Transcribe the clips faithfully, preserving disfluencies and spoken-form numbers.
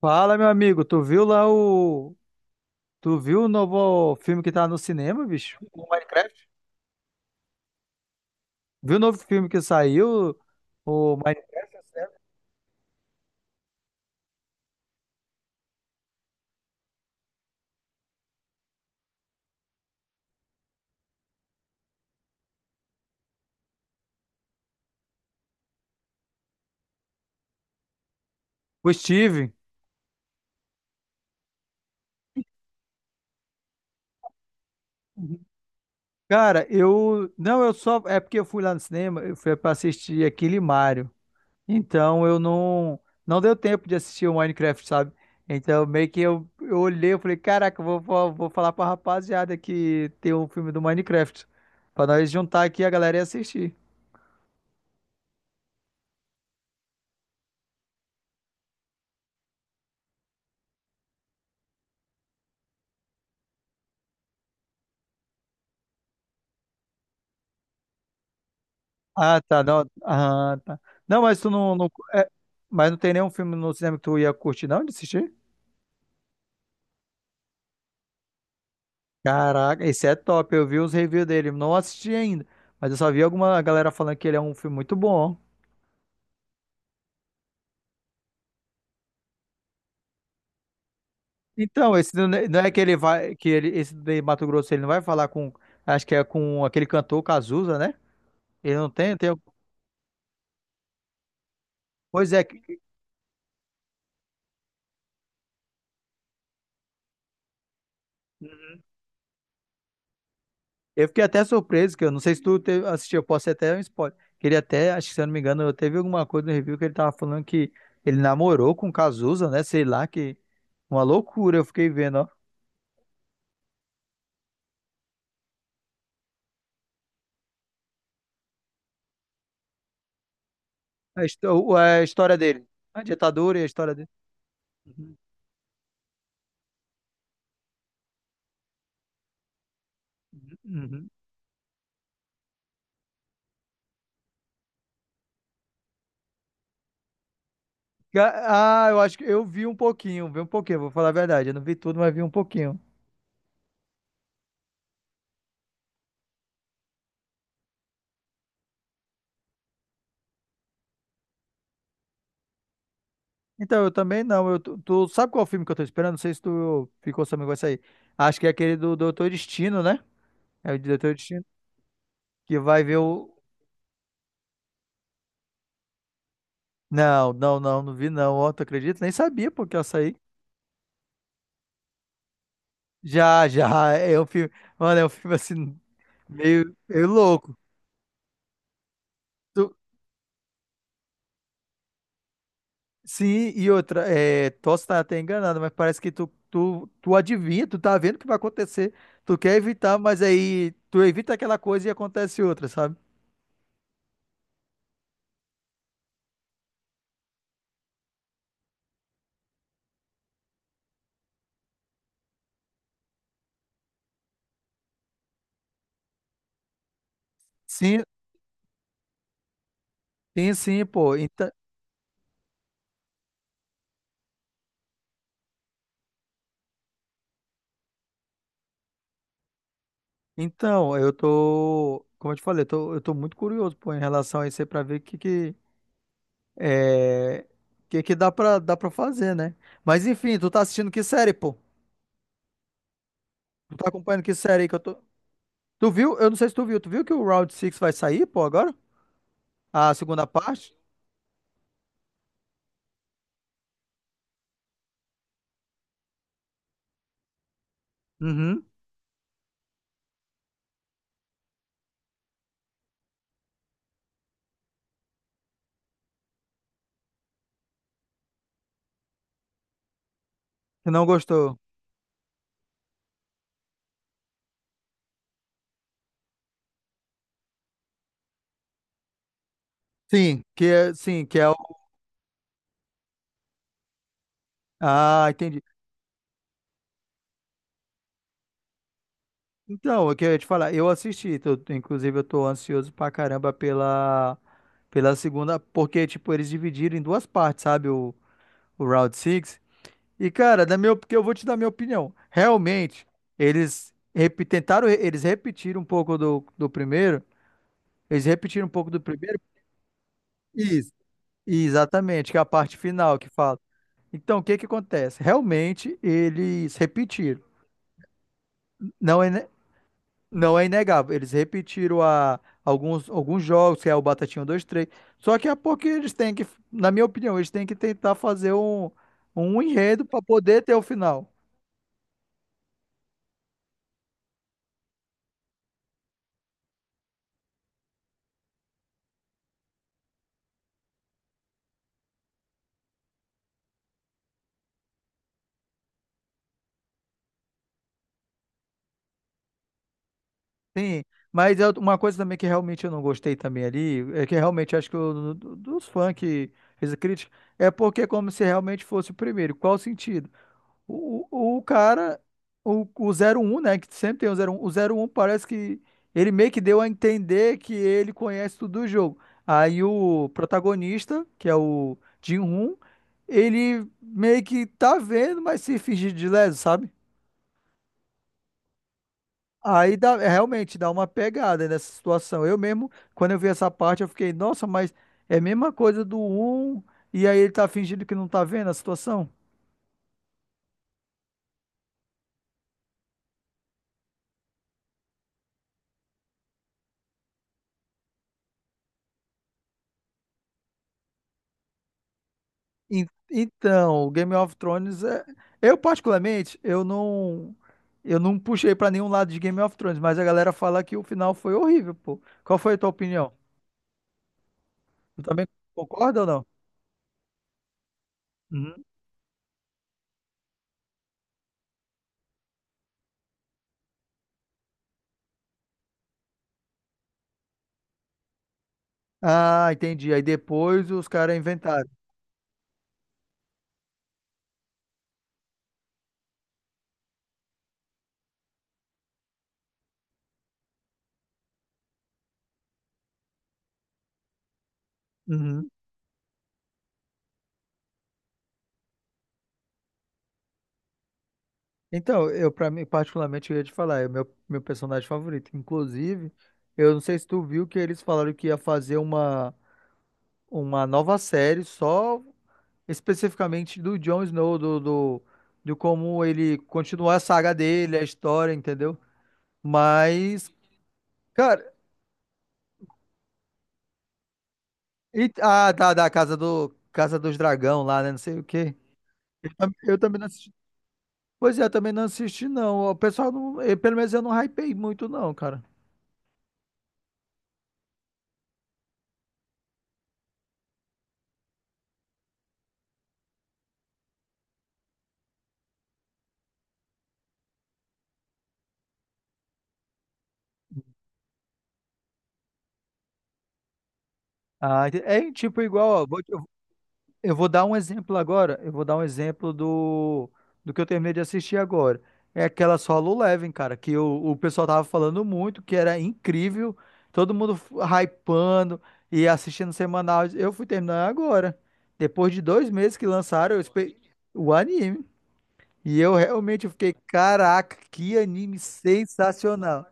Fala, meu amigo, tu viu lá o. Tu viu o novo filme que tá no cinema, bicho? O Minecraft? Viu o novo filme que saiu? O Minecraft, é sério? O Steve. Uhum. Cara, eu. Não, eu só. É porque eu fui lá no cinema, eu fui pra assistir aquele Mario. Então eu não. Não deu tempo de assistir o Minecraft, sabe? Então meio que eu, eu olhei, eu falei, caraca, eu vou, vou, vou falar pra rapaziada que tem um filme do Minecraft. Pra nós juntar aqui a galera e assistir. Ah, tá. Não, ah, tá. Não, mas tu não, não- é, mas não tem nenhum filme no cinema que tu ia curtir, não, de assistir? Caraca, esse é top. Eu vi os reviews dele. Não assisti ainda, mas eu só vi alguma galera falando que ele é um filme muito bom. Então, esse não não é que ele vai, que ele, esse de Mato Grosso, ele não vai falar com, acho que é com aquele cantor Cazuza, né? Ele não tem, tem, pois é, que- Eu fiquei até surpreso, que eu não sei se tu te- assistiu, eu posso ser até um spoiler. Que ele até, acho que se eu não me engano, eu teve alguma coisa no review que ele tava falando que ele namorou com o Cazuza, né? Sei lá, que uma loucura, eu fiquei vendo, ó. A, histó- a história dele. A ditadura e a história dele. Uhum, uhum. Ah, eu acho que eu vi um pouquinho, vi um pouquinho, vou falar a verdade. Eu não vi tudo, mas vi um pouquinho. Então, eu também não. Eu, tu, tu sabe qual filme que eu tô esperando? Não sei se tu ficou sabendo que vai sair. Acho que é aquele do Doutor Destino, né? É o Doutor Destino. Que vai ver o, não, não, não, não vi não. Ó, tu acredita? Nem sabia porque eu saí. Já, já. É um filme. Mano, é um filme assim, meio, meio louco. Tu- sim, e outra, é, posso estar até enganado, mas parece que tu, tu, tu adivinha, tu tá vendo o que vai acontecer. Tu quer evitar, mas aí tu evita aquela coisa e acontece outra, sabe? Sim, sim, sim, pô. Então, então eu tô. Como eu te falei, eu tô, eu tô muito curioso, pô, em relação a isso aí pra ver o que, que. É, que que dá pra, dá pra fazer, né? Mas enfim, tu tá assistindo que série, pô? Tu tá acompanhando que série aí que eu tô. Tu viu? Eu não sei se tu viu. Tu viu que o round seis vai sair, pô, agora? A segunda parte? Uhum. Que não gostou. Sim, que é, sim, que é o. Ah, entendi. Então, o que eu ia te falar, eu assisti, tô- tô- inclusive eu tô ansioso pra caramba pela, pela, segunda, porque, tipo, eles dividiram em duas partes, sabe? O, o round seis. E, cara, na minha, op- porque eu vou te dar minha opinião. Realmente, eles repi- tentaram, eles repetiram um pouco do, do primeiro. Eles repetiram um pouco do primeiro. Isso. Exatamente, que é a parte final que fala. Então, o que que acontece? Realmente, eles repetiram. Não é, ne- não é inegável. Eles repetiram a, alguns, alguns jogos, que é o Batatinha um, dois três. Só que é porque eles têm que, na minha opinião, eles têm que tentar fazer um, um enredo para poder ter o final. Sim, mas eu- uma coisa também que realmente eu não gostei também ali, é que realmente acho que o, do- dos fãs que fez a crítica, é porque é como se realmente fosse o primeiro. Qual o sentido? O, o, o cara, o, o zero um, né, que sempre tem o zero um o zero um parece que ele meio que deu a entender que ele conhece tudo do jogo. Aí o protagonista, que é o Jin-Hoon, ele meio que tá vendo, mas se fingir de leso, sabe? Aí dá, é, realmente dá uma pegada nessa situação. Eu mesmo, quando eu vi essa parte, eu fiquei, nossa, mas é a mesma coisa do um, e aí ele tá fingindo que não tá vendo a situação? En- Então, Game of Thrones é. Eu, particularmente, eu não. Eu não puxei pra nenhum lado de Game of Thrones, mas a galera fala que o final foi horrível, pô. Qual foi a tua opinião? Tu também concorda ou não? Uhum. Ah, entendi. Aí depois os caras inventaram. Uhum. Então, eu, para mim particularmente, eu ia te falar, é o meu meu personagem favorito. Inclusive, eu não sei se tu viu que eles falaram que ia fazer uma uma nova série só especificamente do Jon Snow, do do, do como ele continuar a saga dele, a história, entendeu? Mas, cara, e, ah, tá, da casa do Casa dos Dragão lá, né, não sei o quê. Eu, tam- eu também não assisti. Pois é, eu também não assisti não. O pessoal não, eh, pelo menos eu não hypei muito não, cara. Ah, ente- é tipo igual, ó, vou, eu vou dar um exemplo agora. Eu vou dar um exemplo do, do que eu terminei de assistir agora. É aquela Solo Leveling, cara, que o, o pessoal tava falando muito, que era incrível, todo mundo f- hypando e assistindo semanal. Eu fui terminar agora. Depois de dois meses que lançaram, eu espe- o anime. E eu realmente fiquei, caraca, que anime sensacional.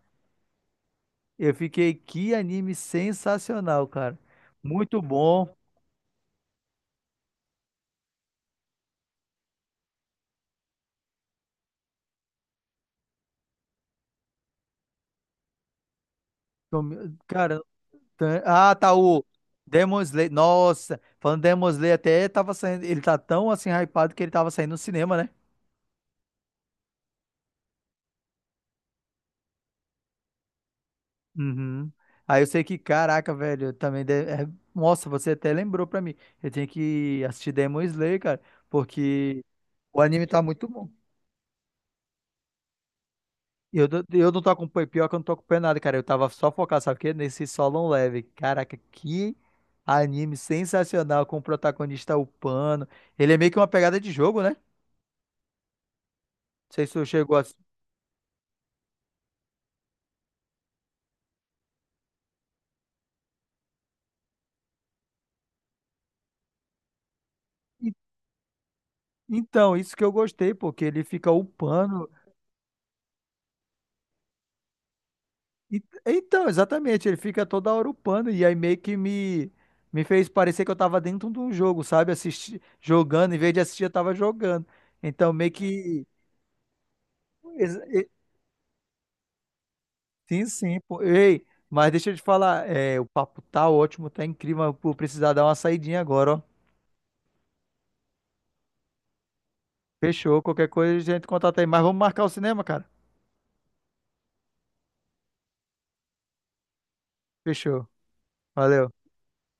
Eu fiquei, que anime sensacional, cara. Muito bom. Então, cara, Tan- ah, tá, o Demon Slayer. Nossa, falando Demon Slayer, até tava saindo. Ele tá tão assim hypado que ele tava saindo no cinema, né? Uhum. Aí eu sei que, caraca, velho, eu também. de- é- Nossa, você até lembrou pra mim. Eu tenho que assistir Demon Slayer, cara, porque o anime tá muito bom. Eu, do- eu não tô acompanhando, pior que eu não tô acompanhando nada, cara. Eu tava só focado, sabe o quê? Nesse Solo Level. Caraca, que anime sensacional, com o protagonista upando. Ele é meio que uma pegada de jogo, né? Não sei se tu chegou a. Então, isso que eu gostei, porque ele fica upando. E- Então, exatamente, ele fica toda hora upando. E aí meio que me, me fez parecer que eu tava dentro de um jogo, sabe? Assisti, jogando, em vez de assistir, eu tava jogando. Então, meio que ex- e- sim, sim, pô. Ei, mas deixa eu te falar, é, o papo tá ótimo, tá incrível, mas eu vou precisar dar uma saidinha agora, ó. Fechou, qualquer coisa a gente contata aí. Mas vamos marcar o cinema, cara. Fechou. Valeu.